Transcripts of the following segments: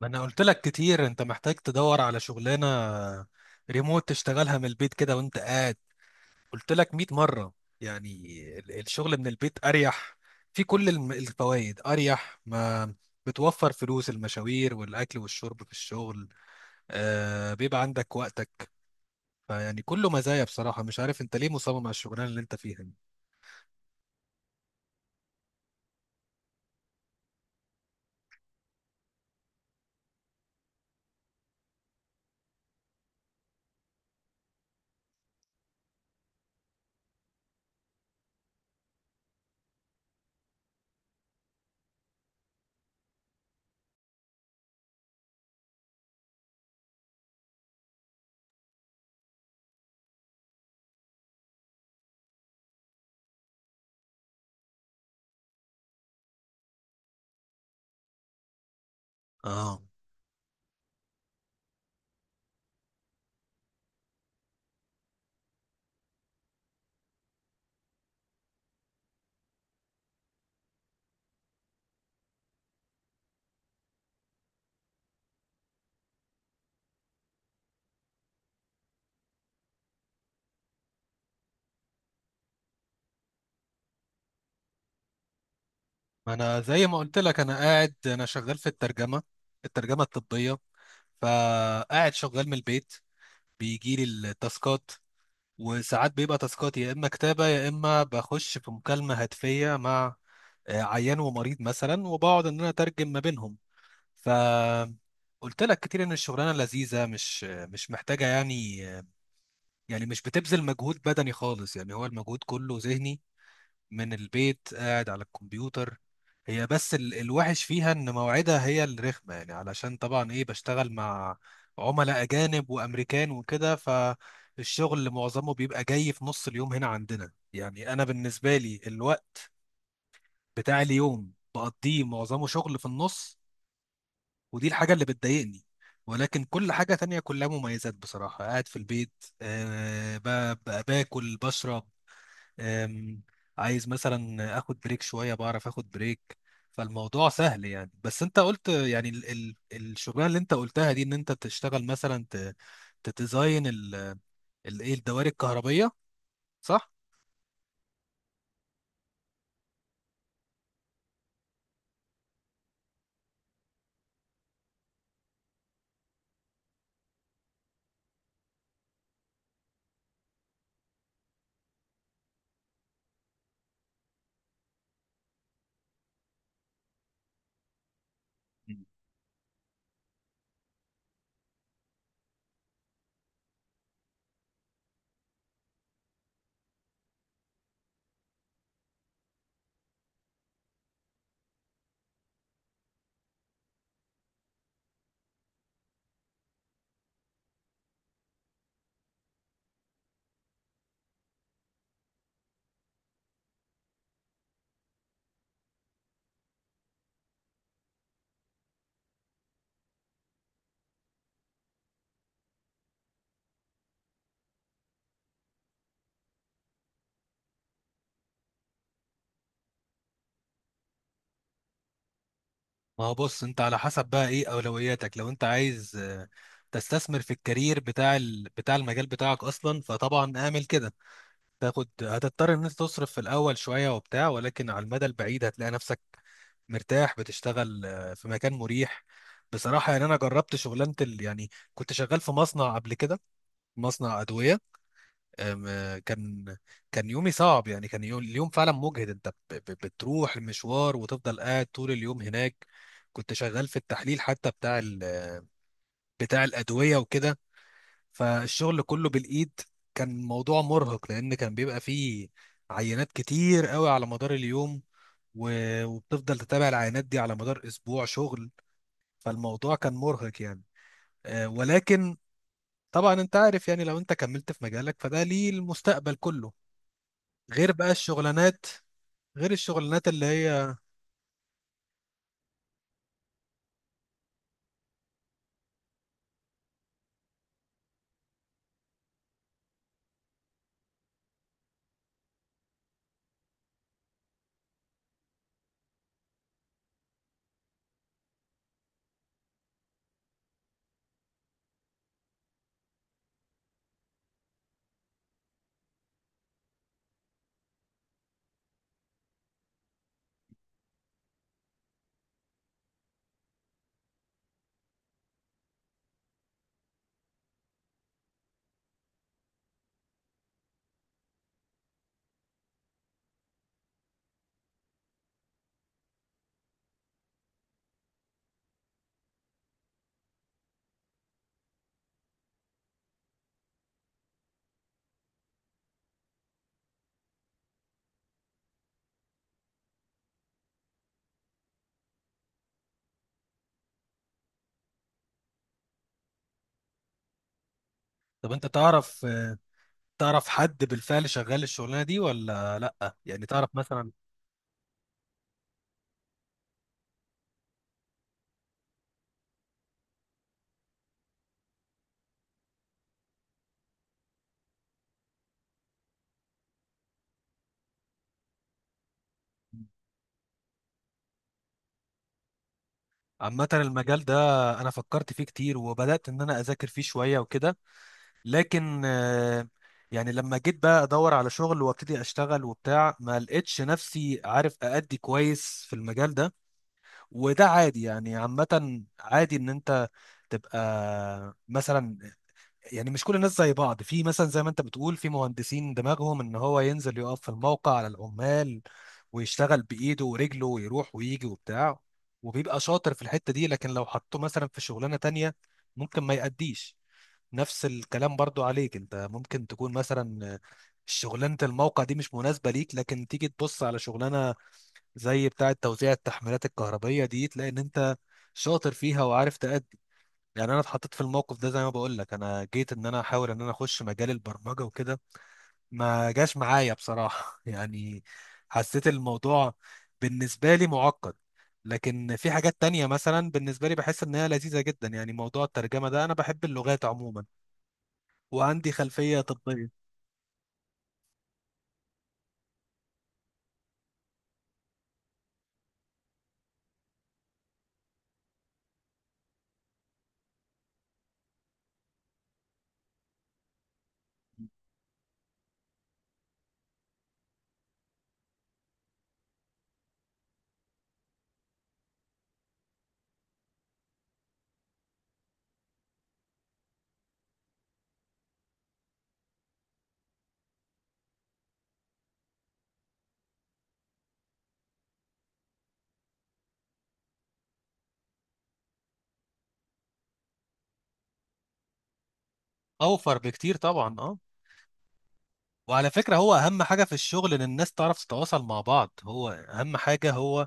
ما انا قلت لك كتير، انت محتاج تدور على شغلانه ريموت تشتغلها من البيت كده وانت قاعد. قلت لك 100 مره. يعني الشغل من البيت اريح في كل الفوائد. اريح ما بتوفر فلوس المشاوير والاكل والشرب في الشغل. آه بيبقى عندك وقتك. فيعني كله مزايا بصراحه، مش عارف انت ليه مصمم على الشغلانه اللي انت فيها دي. اه، ما انا زي ما قلت لك انا قاعد، انا شغال في الترجمه، الترجمه الطبيه، فقاعد شغال من البيت. بيجي لي التاسكات، وساعات بيبقى تاسكات يا اما كتابه يا اما بخش في مكالمه هاتفيه مع عيان ومريض مثلا، وبقعد ان انا اترجم ما بينهم. ف قلت لك كتير ان الشغلانه لذيذه، مش مش محتاجه يعني. يعني مش بتبذل مجهود بدني خالص، يعني هو المجهود كله ذهني. من البيت قاعد على الكمبيوتر. هي بس الوحش فيها ان مواعيدها هي الرخمه، يعني علشان طبعا ايه بشتغل مع عملاء اجانب وامريكان وكده. فالشغل معظمه بيبقى جاي في نص اليوم هنا عندنا. يعني انا بالنسبه لي الوقت بتاع اليوم بقضيه معظمه شغل في النص، ودي الحاجه اللي بتضايقني. ولكن كل حاجة تانية كلها مميزات بصراحة. قاعد في البيت، أه، باكل بشرب. أم، عايز مثلا اخد بريك شويه بعرف اخد بريك. فالموضوع سهل يعني. بس انت قلت يعني ال ال الشغلانه اللي انت قلتها دي ان انت تشتغل مثلا، تديزاين ال- ال- ايه الدوائر الكهربيه، صح؟ ما هو بص، انت على حسب بقى ايه اولوياتك. لو انت عايز تستثمر في الكارير بتاع بتاع المجال بتاعك اصلا، فطبعا اعمل كده. هتضطر ان انت تصرف في الاول شويه وبتاع، ولكن على المدى البعيد هتلاقي نفسك مرتاح بتشتغل في مكان مريح. بصراحه يعني انا جربت شغلانه يعني كنت شغال في مصنع قبل كده، مصنع ادويه. آم، آه، كان كان يومي صعب يعني. كان اليوم فعلا مجهد. انت بتروح المشوار وتفضل قاعد طول اليوم هناك. كنت شغال في التحليل حتى بتاع ال... آه، بتاع الادويه وكده، فالشغل كله بالايد. كان موضوع مرهق لان كان بيبقى فيه عينات كتير قوي على مدار اليوم، وبتفضل تتابع العينات دي على مدار اسبوع شغل. فالموضوع كان مرهق يعني. ولكن طبعا انت عارف يعني، لو انت كملت في مجالك فده ليه المستقبل كله، غير بقى الشغلانات، غير الشغلانات اللي هي. طب انت تعرف، تعرف حد بالفعل شغال الشغلانة دي ولا لا؟ يعني تعرف مثلا عامة المجال ده؟ أنا فكرت فيه كتير وبدأت إن أنا أذاكر فيه شوية وكده، لكن يعني لما جيت بقى أدور على شغل وأبتدي أشتغل وبتاع، ما لقيتش نفسي عارف أأدي كويس في المجال ده. وده عادي يعني، عامة عادي إن أنت تبقى مثلا، يعني مش كل الناس زي بعض. في مثلا زي ما انت بتقول في مهندسين دماغهم ان هو ينزل يقف في الموقع على العمال ويشتغل بايده ورجله ويروح ويجي وبتاع، وبيبقى شاطر في الحتة دي، لكن لو حطوه مثلا في شغلانة تانية ممكن ما يأديش. نفس الكلام برضو عليك، انت ممكن تكون مثلا شغلانة الموقع دي مش مناسبة ليك، لكن تيجي تبص على شغلانة زي بتاعة توزيع التحميلات الكهربية دي تلاقي ان انت شاطر فيها وعارف تأدي. يعني انا اتحطيت في الموقف ده، زي ما بقول لك انا جيت ان انا احاول ان انا اخش مجال البرمجه وكده، ما جاش معايا بصراحه يعني. حسيت الموضوع بالنسبه لي معقد. لكن في حاجات تانية مثلا بالنسبه لي بحس ان هي لذيذه جدا، يعني موضوع الترجمه ده انا بحب اللغات عموما وعندي خلفيه طبيه. اوفر بكتير طبعا، اه. وعلى فكره هو اهم حاجه في الشغل ان الناس تعرف تتواصل مع بعض، هو اهم حاجه هو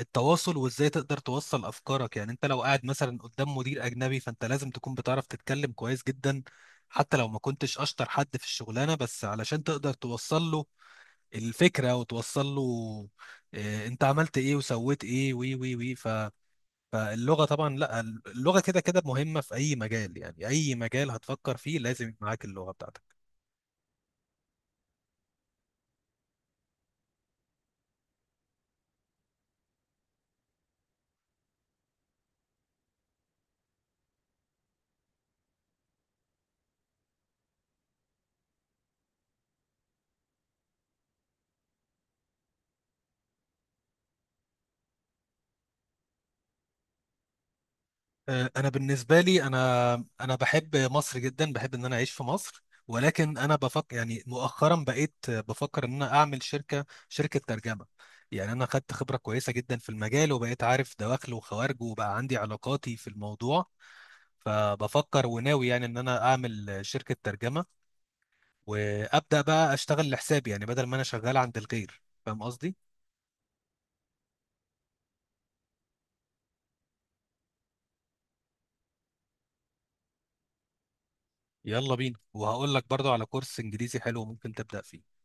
التواصل وازاي تقدر توصل افكارك. يعني انت لو قاعد مثلا قدام مدير اجنبي، فانت لازم تكون بتعرف تتكلم كويس جدا حتى لو ما كنتش اشطر حد في الشغلانه، بس علشان تقدر توصل له الفكره، وتوصل له انت عملت ايه وسويت ايه وي وي وي فاللغه طبعا، لا، اللغه كده كده مهمه في اي مجال. يعني اي مجال هتفكر فيه لازم يبقى معاك اللغه بتاعتك. انا بالنسبه لي، انا بحب مصر جدا، بحب ان انا اعيش في مصر. ولكن انا بفكر يعني مؤخرا بقيت بفكر ان انا اعمل شركه، شركه ترجمه. يعني انا خدت خبره كويسه جدا في المجال وبقيت عارف دواخله وخوارجه وبقى عندي علاقاتي في الموضوع. فبفكر وناوي يعني ان انا اعمل شركه ترجمه، وابدا بقى اشتغل لحسابي، يعني بدل ما انا شغال عند الغير، فاهم قصدي؟ يلا بينا، وهقول لك برضو على كورس انجليزي حلو ممكن تبدا فيه.